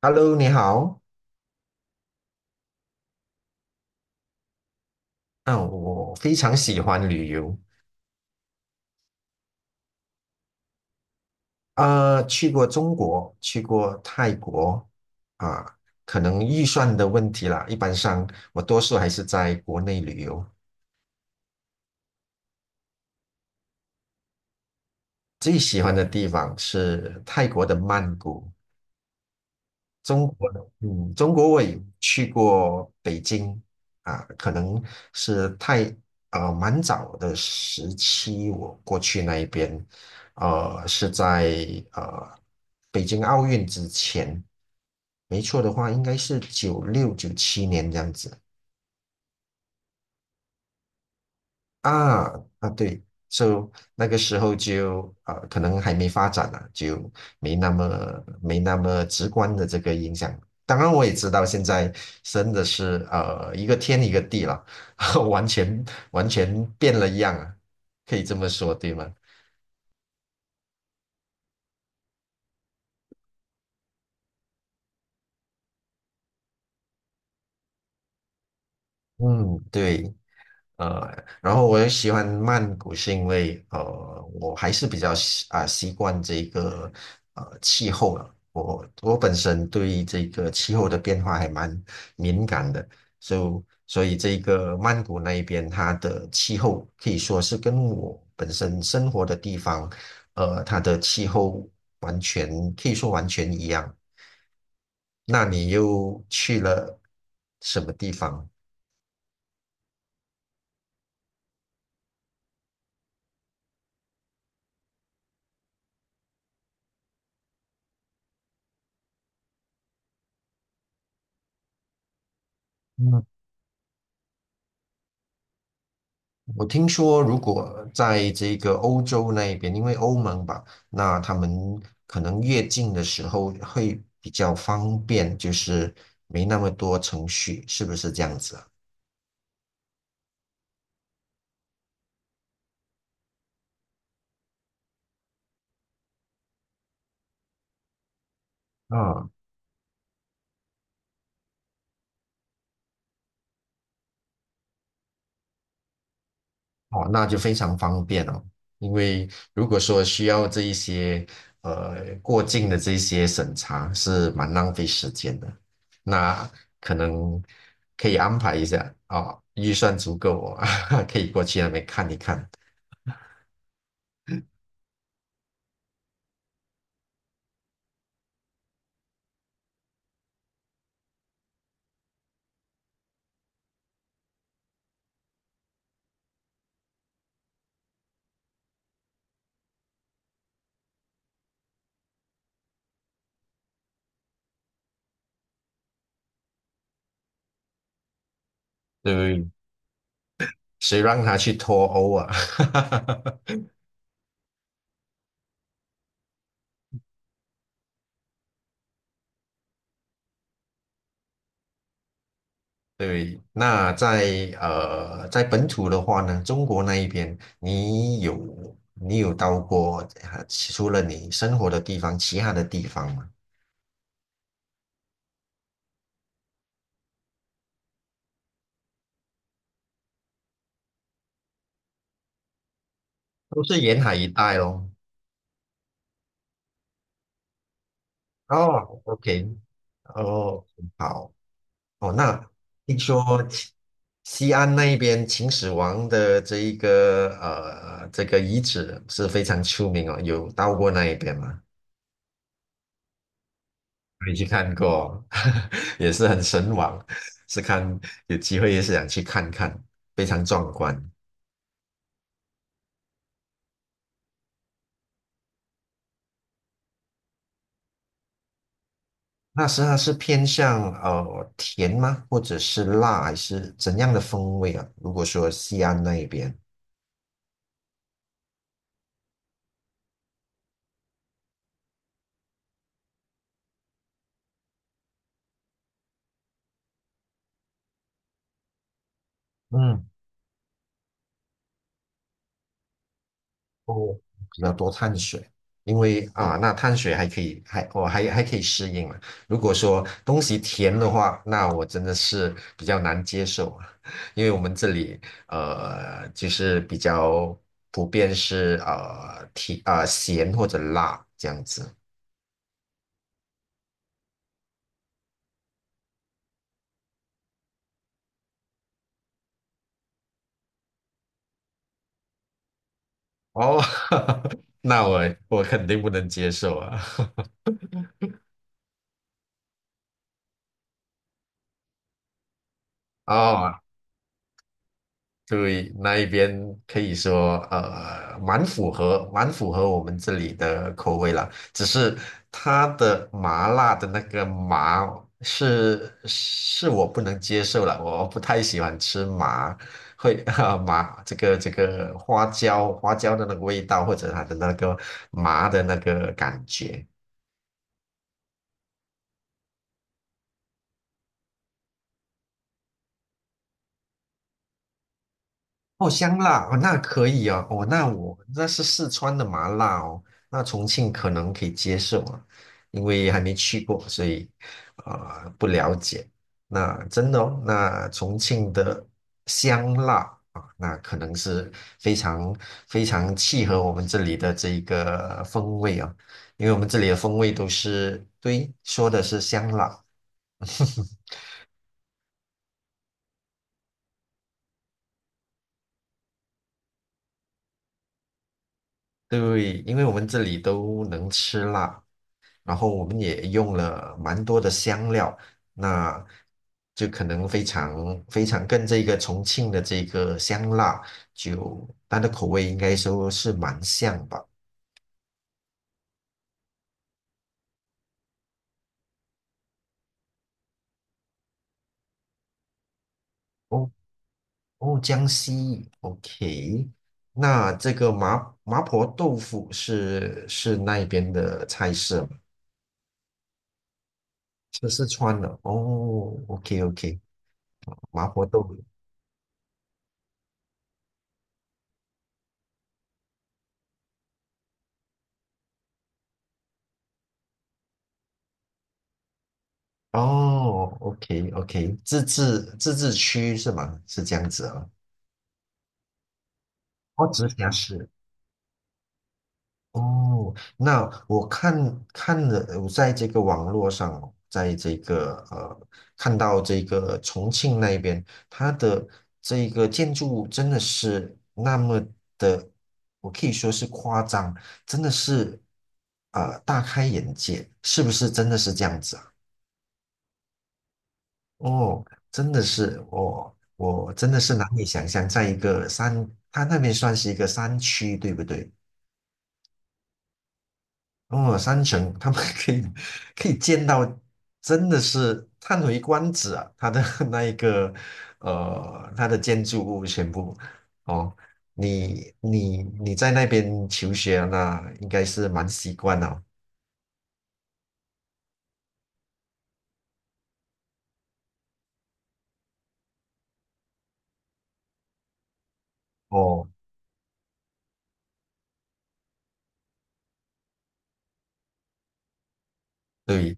Hello，你好。嗯，我非常喜欢旅游。啊、去过中国，去过泰国，啊，可能预算的问题啦。一般上，我多数还是在国内旅游。最喜欢的地方是泰国的曼谷。中国我也去过北京啊，可能是太呃蛮早的时期，我过去那一边，是在呃北京奥运之前，没错的话，应该是96、97年这样子。啊啊，对，就那个时候就啊、可能还没发展啊，就没那么直观的这个影响。当然，我也知道现在真的是一个天一个地了，完全完全变了样啊，可以这么说，对吗？嗯，对。呃，然后我也喜欢曼谷，是因为我还是比较习惯这个气候了。我本身对这个气候的变化还蛮敏感的，所以这个曼谷那一边它的气候可以说是跟我本身生活的地方，它的气候完全可以说完全一样。那你又去了什么地方？我听说，如果在这个欧洲那边，因为欧盟吧，那他们可能越境的时候会比较方便，就是没那么多程序，是不是这样子啊？嗯，哦，那就非常方便哦。因为如果说需要这一些过境的这些审查，是蛮浪费时间的。那可能可以安排一下啊，哦预算足够哦，可以过去那边看一看。对不对？谁让他去脱欧啊？对，那在在本土的话呢，中国那一边，你有到过除了你生活的地方，其他的地方吗？都是沿海一带咯。哦，OK，哦，好，哦，那听说西安那一边秦始皇的这个遗址是非常出名哦，有到过那一边吗？没去看过，也是很神往，是看有机会也是想去看看，非常壮观。那它是偏向甜吗？或者是辣，还是怎样的风味啊？如果说西安那一边，嗯。哦，比较多碳水，因为啊，那碳水还可以，还我、还还可以适应嘛。如果说东西甜的话，那我真的是比较难接受，啊。因为我们这里就是比较普遍是甜啊、咸或者辣这样子。哦，那我肯定不能接受啊。哦，对，那一边可以说，蛮符合，蛮符合我们这里的口味啦。只是它的麻辣的那个麻是我不能接受了，我不太喜欢吃麻，会 啊、麻这个花椒的那个味道，或者它的那个麻的那个感觉。哦，香辣哦，那可以哦，哦，那我那是四川的麻辣哦，那重庆可能可以接受啊，因为还没去过，所以不了解。那真的哦，那重庆的香辣啊，那可能是非常非常契合我们这里的这一个风味啊，因为我们这里的风味都是，对，说的是香辣。对，因为我们这里都能吃辣，然后我们也用了蛮多的香料，那就可能非常非常跟这个重庆的这个香辣，就它的口味应该说是蛮像吧。哦哦，江西，OK，那这个麻婆豆腐是那边的菜色吗？是四川的哦，OK OK，麻婆豆腐。哦，OK OK，自治区是吗？是这样子啊、哦，直辖市。哦，那我看看了，我在这个网络上哦在这个看到这个重庆那边，它的这个建筑物真的是那么的，我可以说是夸张，真的是大开眼界，是不是真的是这样子啊？哦，真的是我真的是难以想象，在一个山，它那边算是一个山区，对不对？哦，山城，他们 可以见到，真的是叹为观止啊！它的 那一个，它的建筑物全部，哦，你在那边求学啊那应该是蛮习惯了。哦，对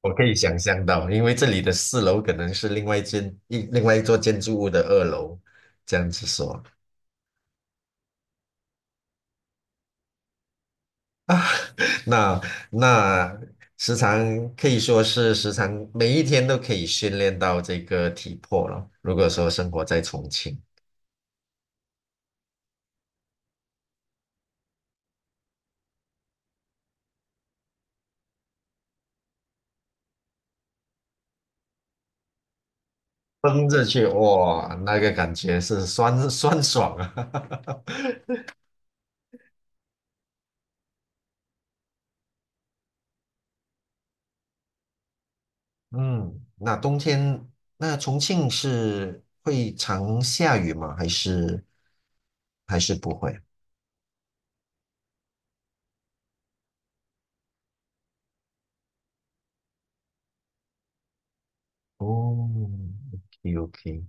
我可以想象到，因为这里的4楼可能是另外一间一另外一座建筑物的2楼，这样子说啊，那那时常可以说是时常每一天都可以训练到这个体魄了。如果说生活在重庆，蹬着去哇，那个感觉是酸酸爽啊。嗯，那冬天那重庆是会常下雨吗？还是不会？哦，OK OK，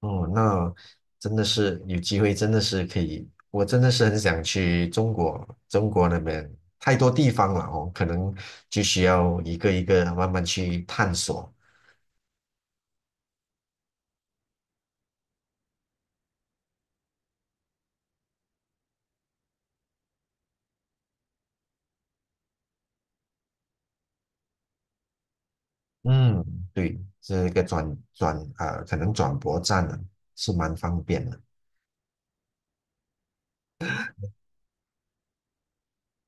哦，那真的是有机会，真的是可以，我真的是很想去中国，中国那边太多地方了哦，可能就需要一个一个慢慢去探索。嗯，对，这个转转啊、呃可能转播站呢是蛮方便的。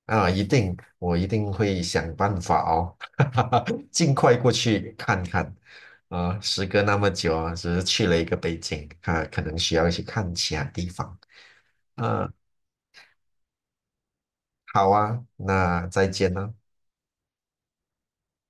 啊，一定，我一定会想办法哦，尽快过去看看。啊，时隔那么久啊，只是去了一个北京，啊，可能需要去看其他地方。啊，好啊，那再见了。